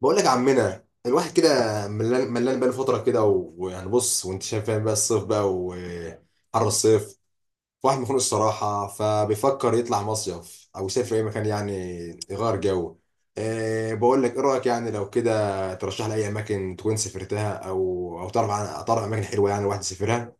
بقول لك يا عمنا، الواحد كده ملان ملان بقاله فتره كده، ويعني بص وانت شايف فاهم بقى، الصيف بقى وحر الصيف. واحد مخنوق الصراحه، فبيفكر يطلع مصيف او يسافر اي مكان، يعني يغير جو. بقول لك ايه رايك؟ يعني لو كده ترشح لي اي اماكن تكون سافرتها، او تعرف، عن تعرف اماكن حلوه يعني الواحد يسافرها.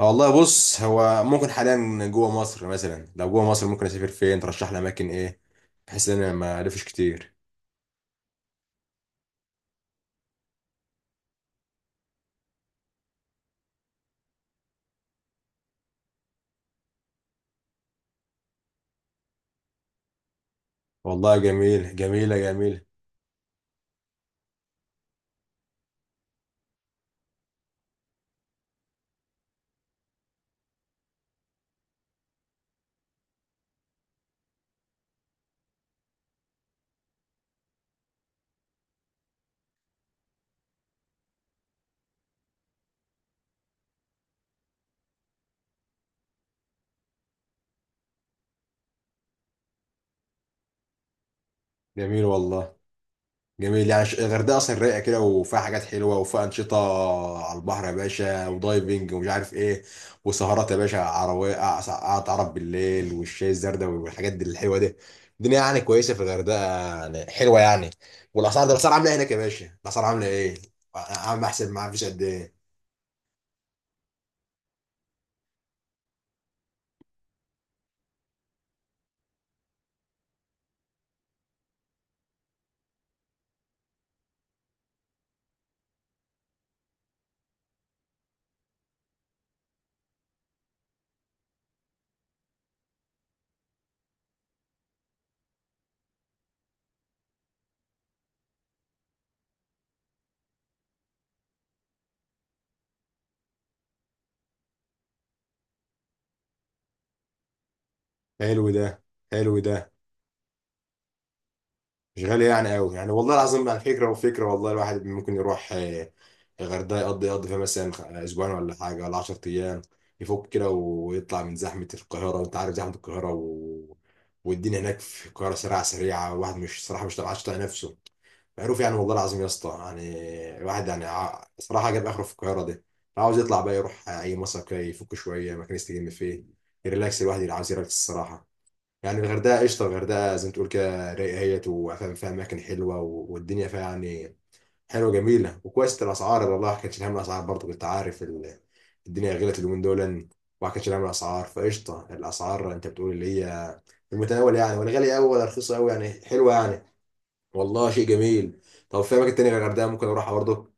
آه والله، بص هو ممكن حاليا جوه مصر، مثلا لو جوه مصر ممكن اسافر فين؟ ترشح لي اماكن ايه؟ بحيث ان انا ما الفش كتير. والله جميل، جميله جميله. جميل والله جميل، يعني الغردقه اصلا رايقه كده، وفيها حاجات حلوه وفيها انشطه على البحر يا باشا، ودايفنج ومش عارف ايه. وسهرات يا باشا عربيه، قعدة عرب بالليل والشاي الزردة، والحاجات دي الحلوه دي. الدنيا يعني كويسه في الغردقه، يعني حلوه يعني. والاسعار، ده الاسعار عامله إيه هناك يا باشا؟ الاسعار عامله ايه؟ عم احسب معاه، فيش قد ايه؟ حلو ده، حلو ده. مش غالية يعني قوي، يعني والله العظيم، يعني فكرة وفكرة والله، الواحد ممكن يروح الغردقة، يقضي فيها مثلا أسبوعين ولا حاجة ولا 10 أيام، يفك كده ويطلع من زحمة القاهرة، وأنت عارف زحمة القاهرة. و... والدنيا هناك في القاهرة سريعة سريعة، الواحد مش، صراحة، مش عارف يطلع نفسه، معروف يعني والله العظيم يا اسطى يعني. الواحد يعني صراحة جاب آخره في القاهرة دي، عاوز يطلع بقى يروح أي مصيف كده، يفك شوية، مكان يستجم فيه، يريلاكس، الواحد اللي عاوز يريلاكس الصراحة. يعني الغردقة قشطة، الغردقة زي ما تقول كده رايقة هي، وفاهم فيها أماكن حلوة والدنيا فيها يعني حلوة جميلة وكويس، الأسعار والله ما كانش هم، الأسعار برضه كنت عارف الدنيا غلت اليومين دول، وما كانش هم الأسعار، فقشطة الأسعار، أنت بتقول اللي هي في المتناول، يعني ولا غالية أوي ولا رخيصة أوي، يعني حلوة يعني. والله شيء جميل. طب في أماكن تانية غير الغردقة ممكن أروحها برضه؟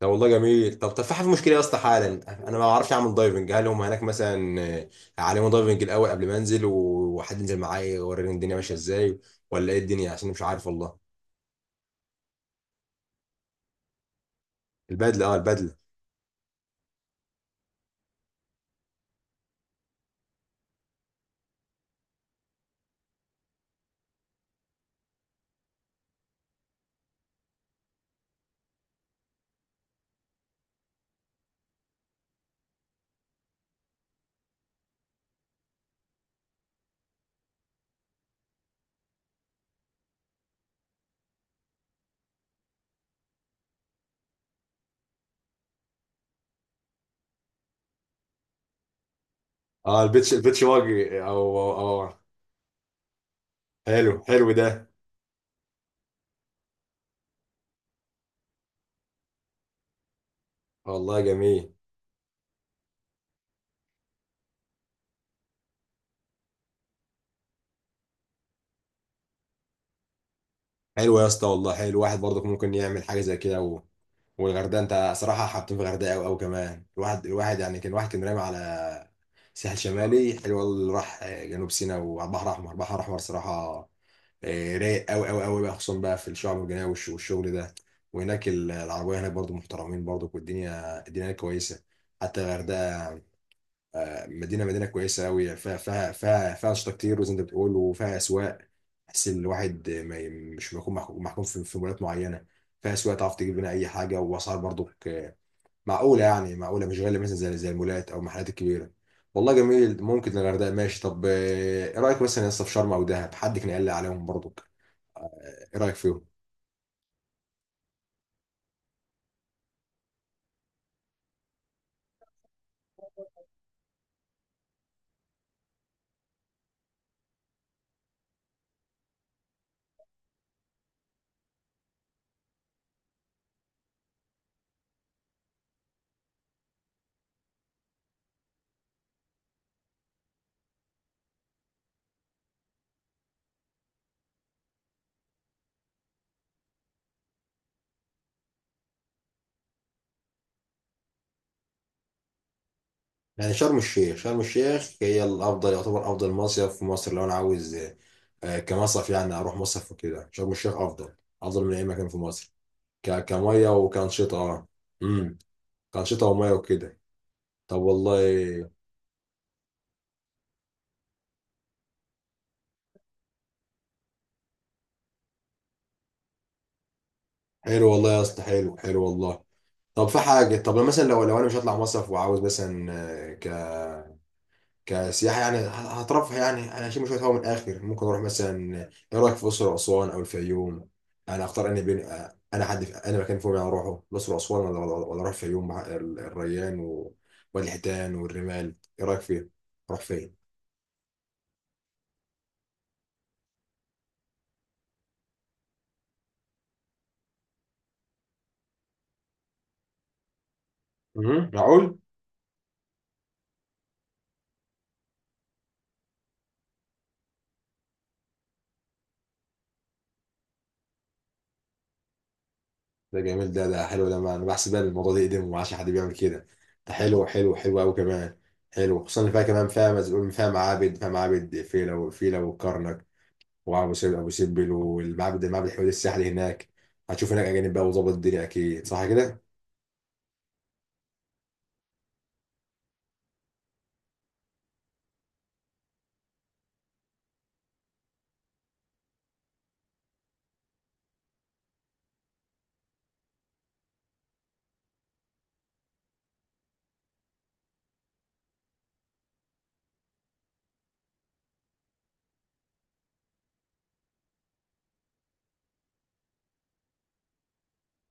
ده والله جميل، طب في حاجه مشكله يا اسطى حالا، انا ما بعرفش اعمل دايفنج، هل هم هناك مثلا هيعلموا دايفنج الاول قبل ما انزل، وحد ينزل معايا يوريني الدنيا ماشيه ازاي، ولا ايه الدنيا؟ عشان أنا مش عارف والله. البدله، اه البدله. اه البيتش، البيتش واجي، حلو حلو ده. والله جميل، حلو يا اسطى والله، حلو الواحد برضك ممكن يعمل حاجه زي كده. و... والغردقه، انت صراحه حاطين في الغردقه قوي قوي كمان، الواحد يعني، كان الواحد كان رامي على ساحل شمالي، حلو والله اللي راح جنوب سيناء وعلى البحر الاحمر، البحر الاحمر صراحه رايق قوي قوي قوي بقى، خصوصا بقى في الشعب المرجانيه والشغل ده. وهناك العربيه هناك برضو محترمين برضو، والدنيا هناك كويسه، حتى الغردقه مدينه كويسه قوي، فيها انشطه كتير وزي ما انت بتقول، وفيها اسواق، بحيث ان الواحد ما ي- مش بيكون محكوم في مولات معينه، فيها اسواق تعرف تجيب منها اي حاجه، واسعار برضو معقوله، يعني معقوله مش غاليه، مثلا زي المولات او المحلات الكبيره. والله جميل، ممكن الغردقه ماشي، طب ايه رايك مثلا يا اسطى في شرم او دهب؟ حد كان قال لي عليهم برضو، ايه رايك فيهم؟ يعني شرم الشيخ هي الافضل، يعتبر افضل مصيف في مصر لو انا عاوز كمصيف، يعني اروح مصيف وكده شرم الشيخ افضل من اي مكان في مصر. كميه وكانشطه، اه. امم كانشطه وميه وكده. طب والله. حلو والله يا اسطى، حلو حلو والله. طب في حاجه، طب مثلا لو انا مش هطلع مصيف، وعاوز مثلا كسياحة يعني هترفه، يعني أنا هشم شوية هوا من الآخر، ممكن أروح مثلا، إيه رأيك في الأقصر وأسوان أو الفيوم؟ أنا أختار أني بين، أنا حد في، أنا مكان فيهم يعني أروحه، الأقصر وأسوان ولا أروح الفيوم مع الريان ووادي الحيتان والرمال، إيه رأيك فيه؟ أروح فين؟ مهم، معقول؟ ده جميل ده ده حلو ده، ما أنا بحسب بقى الموضوع ده يقدم، وما عادش حد بيعمل كده، ده حلو حلو حلو أوي كمان. حلو، خصوصا اللي فيها كمان، فيها معابد فيلة وفيلة وكرنك، وابو سمبل، والمعبد الحيواني السحلي هناك. هتشوف هناك اجانب بقى، وظبط الدنيا اكيد، صح كده؟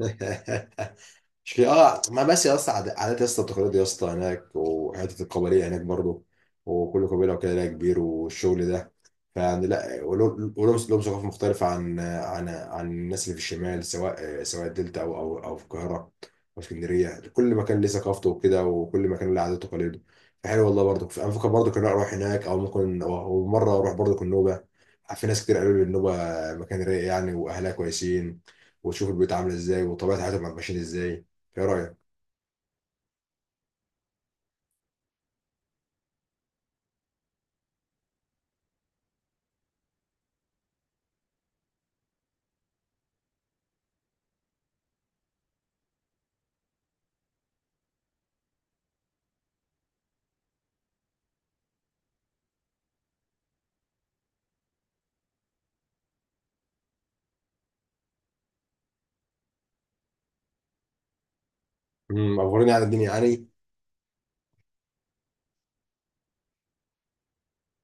مش ليه؟ اه، ما بس يا اسطى، عادات يا اسطى، التقاليد يا اسطى هناك، وحته القبليه هناك برضو، وكل قبيله وكده لها كبير والشغل ده. فيعني لا، لهم ثقافه مختلفه عن الناس اللي في الشمال، سواء الدلتا او في القاهره او اسكندريه، كل مكان ليه ثقافته وكده، وكل مكان له عاداته وتقاليده. فحلو والله، برضو انا بفكر برضو كنا اروح هناك، او ممكن مره اروح برضو النوبه، في ناس كتير قالوا لي النوبه مكان رايق يعني، واهلها كويسين، وتشوف البيوت عامله ازاي، وطبيعه حياتهم ماشيين ازاي، ايه رايك؟ اخبرني عن الدنيا يعني.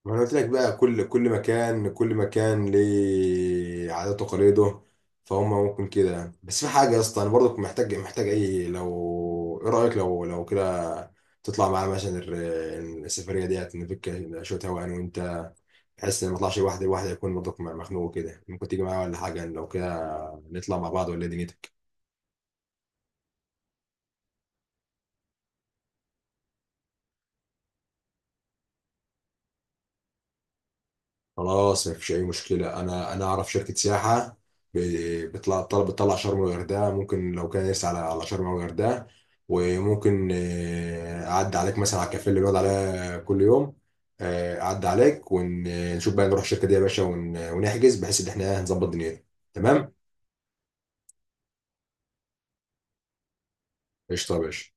ما انا قلت لك بقى كل مكان، كل مكان ليه عاداته وتقاليده، فهم ممكن كده يعني. بس في حاجه يا اسطى، انا برضك محتاج اي، لو ايه رايك لو كده تطلع معانا مثلا السفريه ديت، نفك شويه هوا انا وانت، بحيث ان ما اطلعش لوحدي، لوحدي يكون برضك مخنوق كده، ممكن تيجي معايا ولا حاجه؟ يعني لو كده نطلع مع بعض، ولا إيه دنيتك؟ خلاص، مفيش اي مشكله، انا اعرف شركه سياحه، بتطلع طلب، بتطلع شرم والغردقه، ممكن لو كان نفسي على شرم والغردقه، وممكن اعدي عليك مثلا على الكافيه اللي بنقعد عليها كل يوم، اعدي عليك ونشوف بقى نروح الشركه دي يا باشا، ونحجز بحيث ان احنا نظبط دنيتنا تمام. قشطه يا باشا.